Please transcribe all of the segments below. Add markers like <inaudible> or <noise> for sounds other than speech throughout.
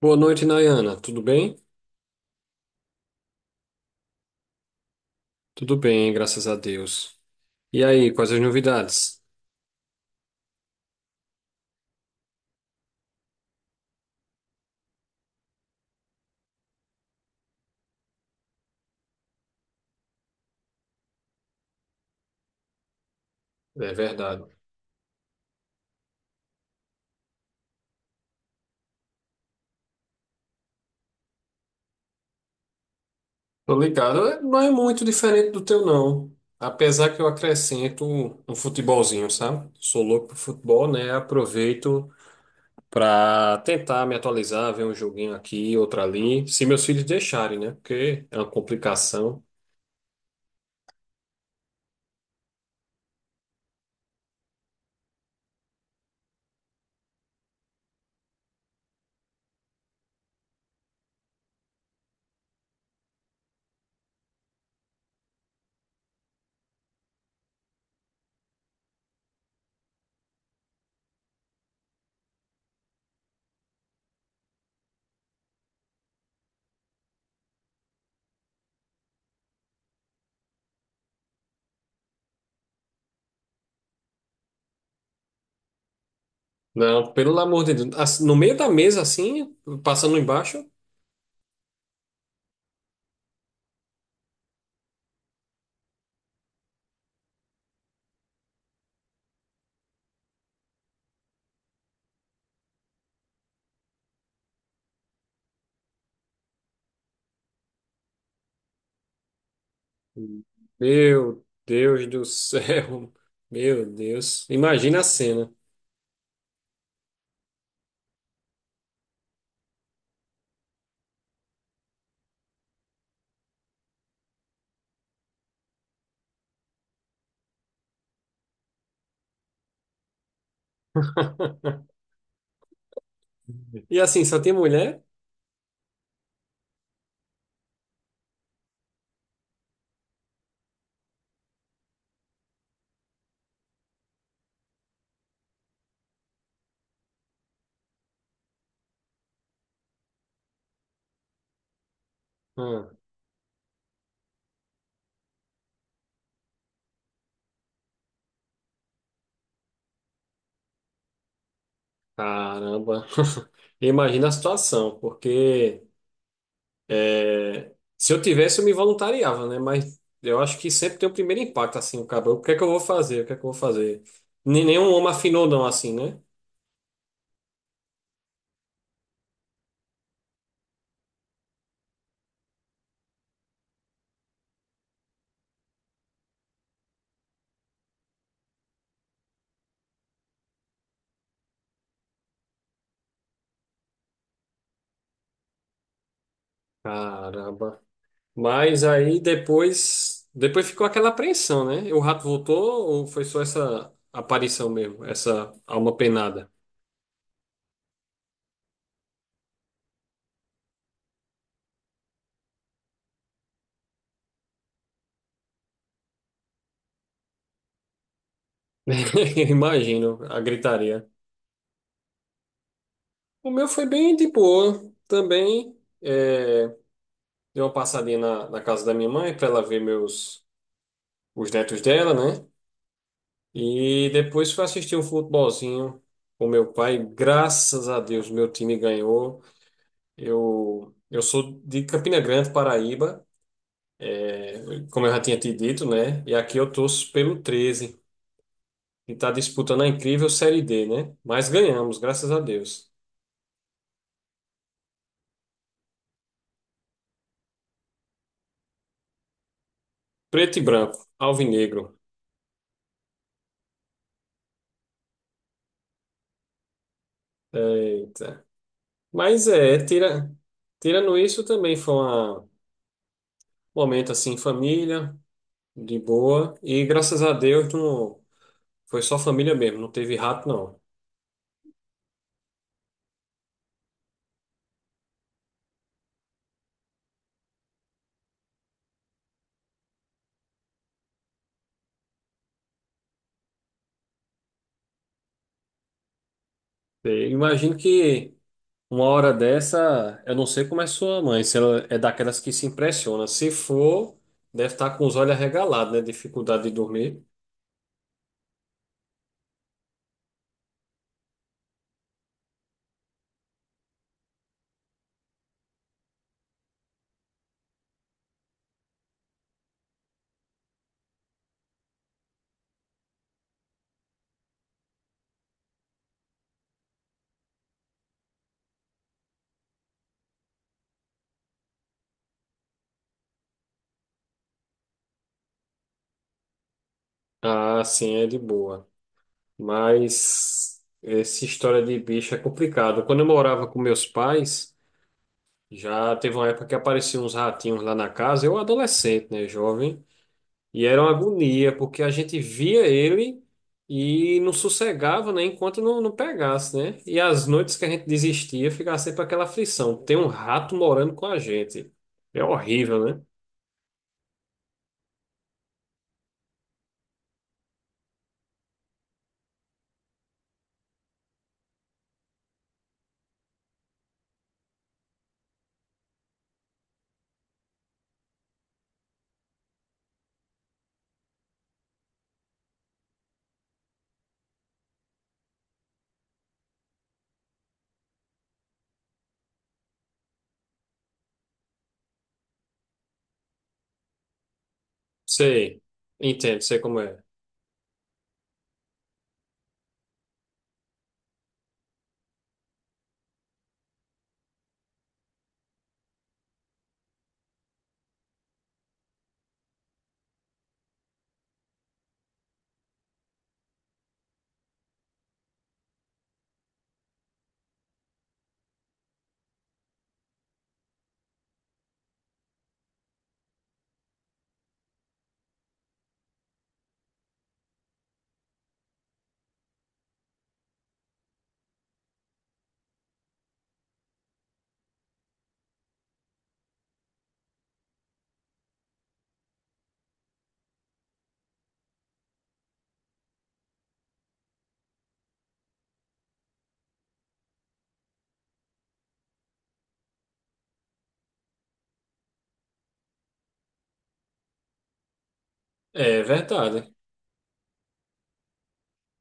Boa noite, Nayana. Tudo bem? Tudo bem, graças a Deus. E aí, quais as novidades? É verdade. Tô ligado. É, não é muito diferente do teu, não. Apesar que eu acrescento um futebolzinho, sabe? Sou louco pro futebol, né? Aproveito pra tentar me atualizar, ver um joguinho aqui, outro ali. Se meus filhos deixarem, né? Porque é uma complicação. Não, pelo amor de Deus. Assim, no meio da mesa, assim, passando embaixo. Meu Deus do céu. <laughs> Meu Deus. Imagina a cena. E assim, só tem mulher? Hum, caramba. <laughs> Imagina a situação, porque é, se eu tivesse, eu me voluntariava, né? Mas eu acho que sempre tem o primeiro impacto, assim, o cabelo. O que é que eu vou fazer? O que é que eu vou fazer? Nenhum homem afinou, não, assim, né? Caramba. Mas aí depois. Depois ficou aquela apreensão, né? O rato voltou ou foi só essa aparição mesmo? Essa alma penada? <laughs> Eu imagino a gritaria. O meu foi bem de boa também. É, dei uma passadinha na casa da minha mãe para ela ver meus os netos dela, né? E depois fui assistir um futebolzinho com meu pai. Graças a Deus, meu time ganhou. Eu sou de Campina Grande, Paraíba, como eu já tinha te dito, né? E aqui eu torço pelo 13, que está disputando a incrível Série D, né? Mas ganhamos, graças a Deus. Preto e branco, alvinegro. Eita. Mas é, tirando isso também foi um momento assim, em família, de boa. E graças a Deus não, foi só família mesmo, não teve rato não. E imagino que uma hora dessa, eu não sei como é sua mãe, se ela é daquelas que se impressiona. Se for, deve estar com os olhos arregalados, né? Dificuldade de dormir. Ah, sim, é de boa. Mas essa história de bicho é complicado. Quando eu morava com meus pais. Já teve uma época que apareciam uns ratinhos lá na casa, eu adolescente, né, jovem, e era uma agonia, porque a gente via ele e não sossegava, né, enquanto não pegasse, né? E as noites que a gente desistia, ficava sempre aquela aflição, tem um rato morando com a gente. É horrível, né? Sei, entendo, sei como é. É verdade.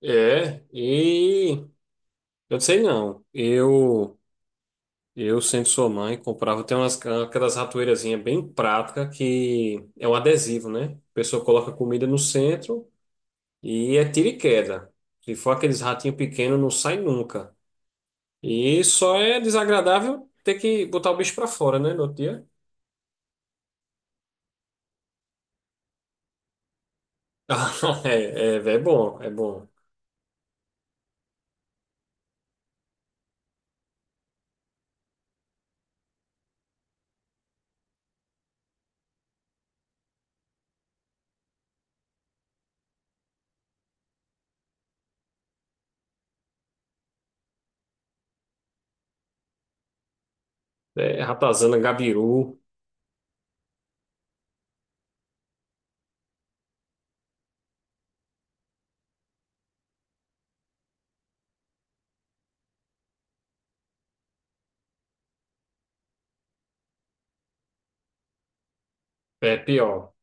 É, e eu não sei não. Sendo sua mãe, comprava. Tem umas aquelas ratoeirazinhas bem prática que é um adesivo, né? A pessoa coloca comida no centro e é tiro e queda. Se for aqueles ratinhos pequenos, não sai nunca. E só é desagradável ter que botar o bicho pra fora, né, no outro dia? <laughs> É, é, é bom, é bom. É, ratazana, gabiru, é pior.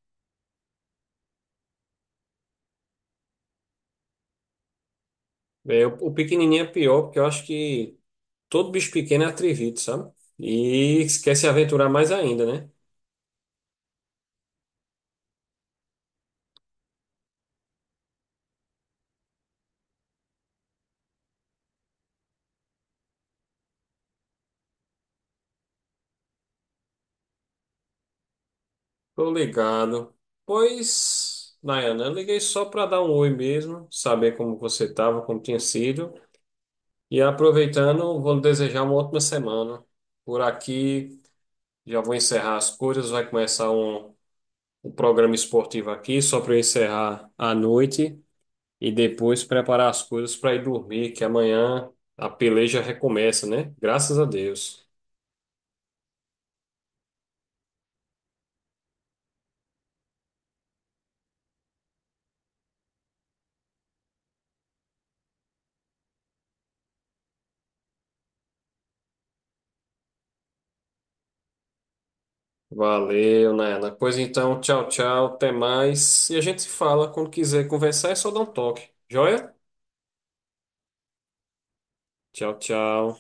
É, o pequenininho é pior, porque eu acho que todo bicho pequeno é atrevito, sabe? E quer se aventurar mais ainda, né? Tô ligado. Pois, Nayana, eu liguei só para dar um oi mesmo, saber como você estava, como tinha sido. E aproveitando, vou lhe desejar uma ótima semana. Por aqui, já vou encerrar as coisas, vai começar um programa esportivo aqui, só para eu encerrar à noite e depois preparar as coisas para ir dormir, que amanhã a peleja recomeça, né? Graças a Deus. Valeu, Nana. Pois então, tchau, tchau, até mais. E a gente se fala quando quiser conversar, é só dar um toque. Joia? Tchau, tchau.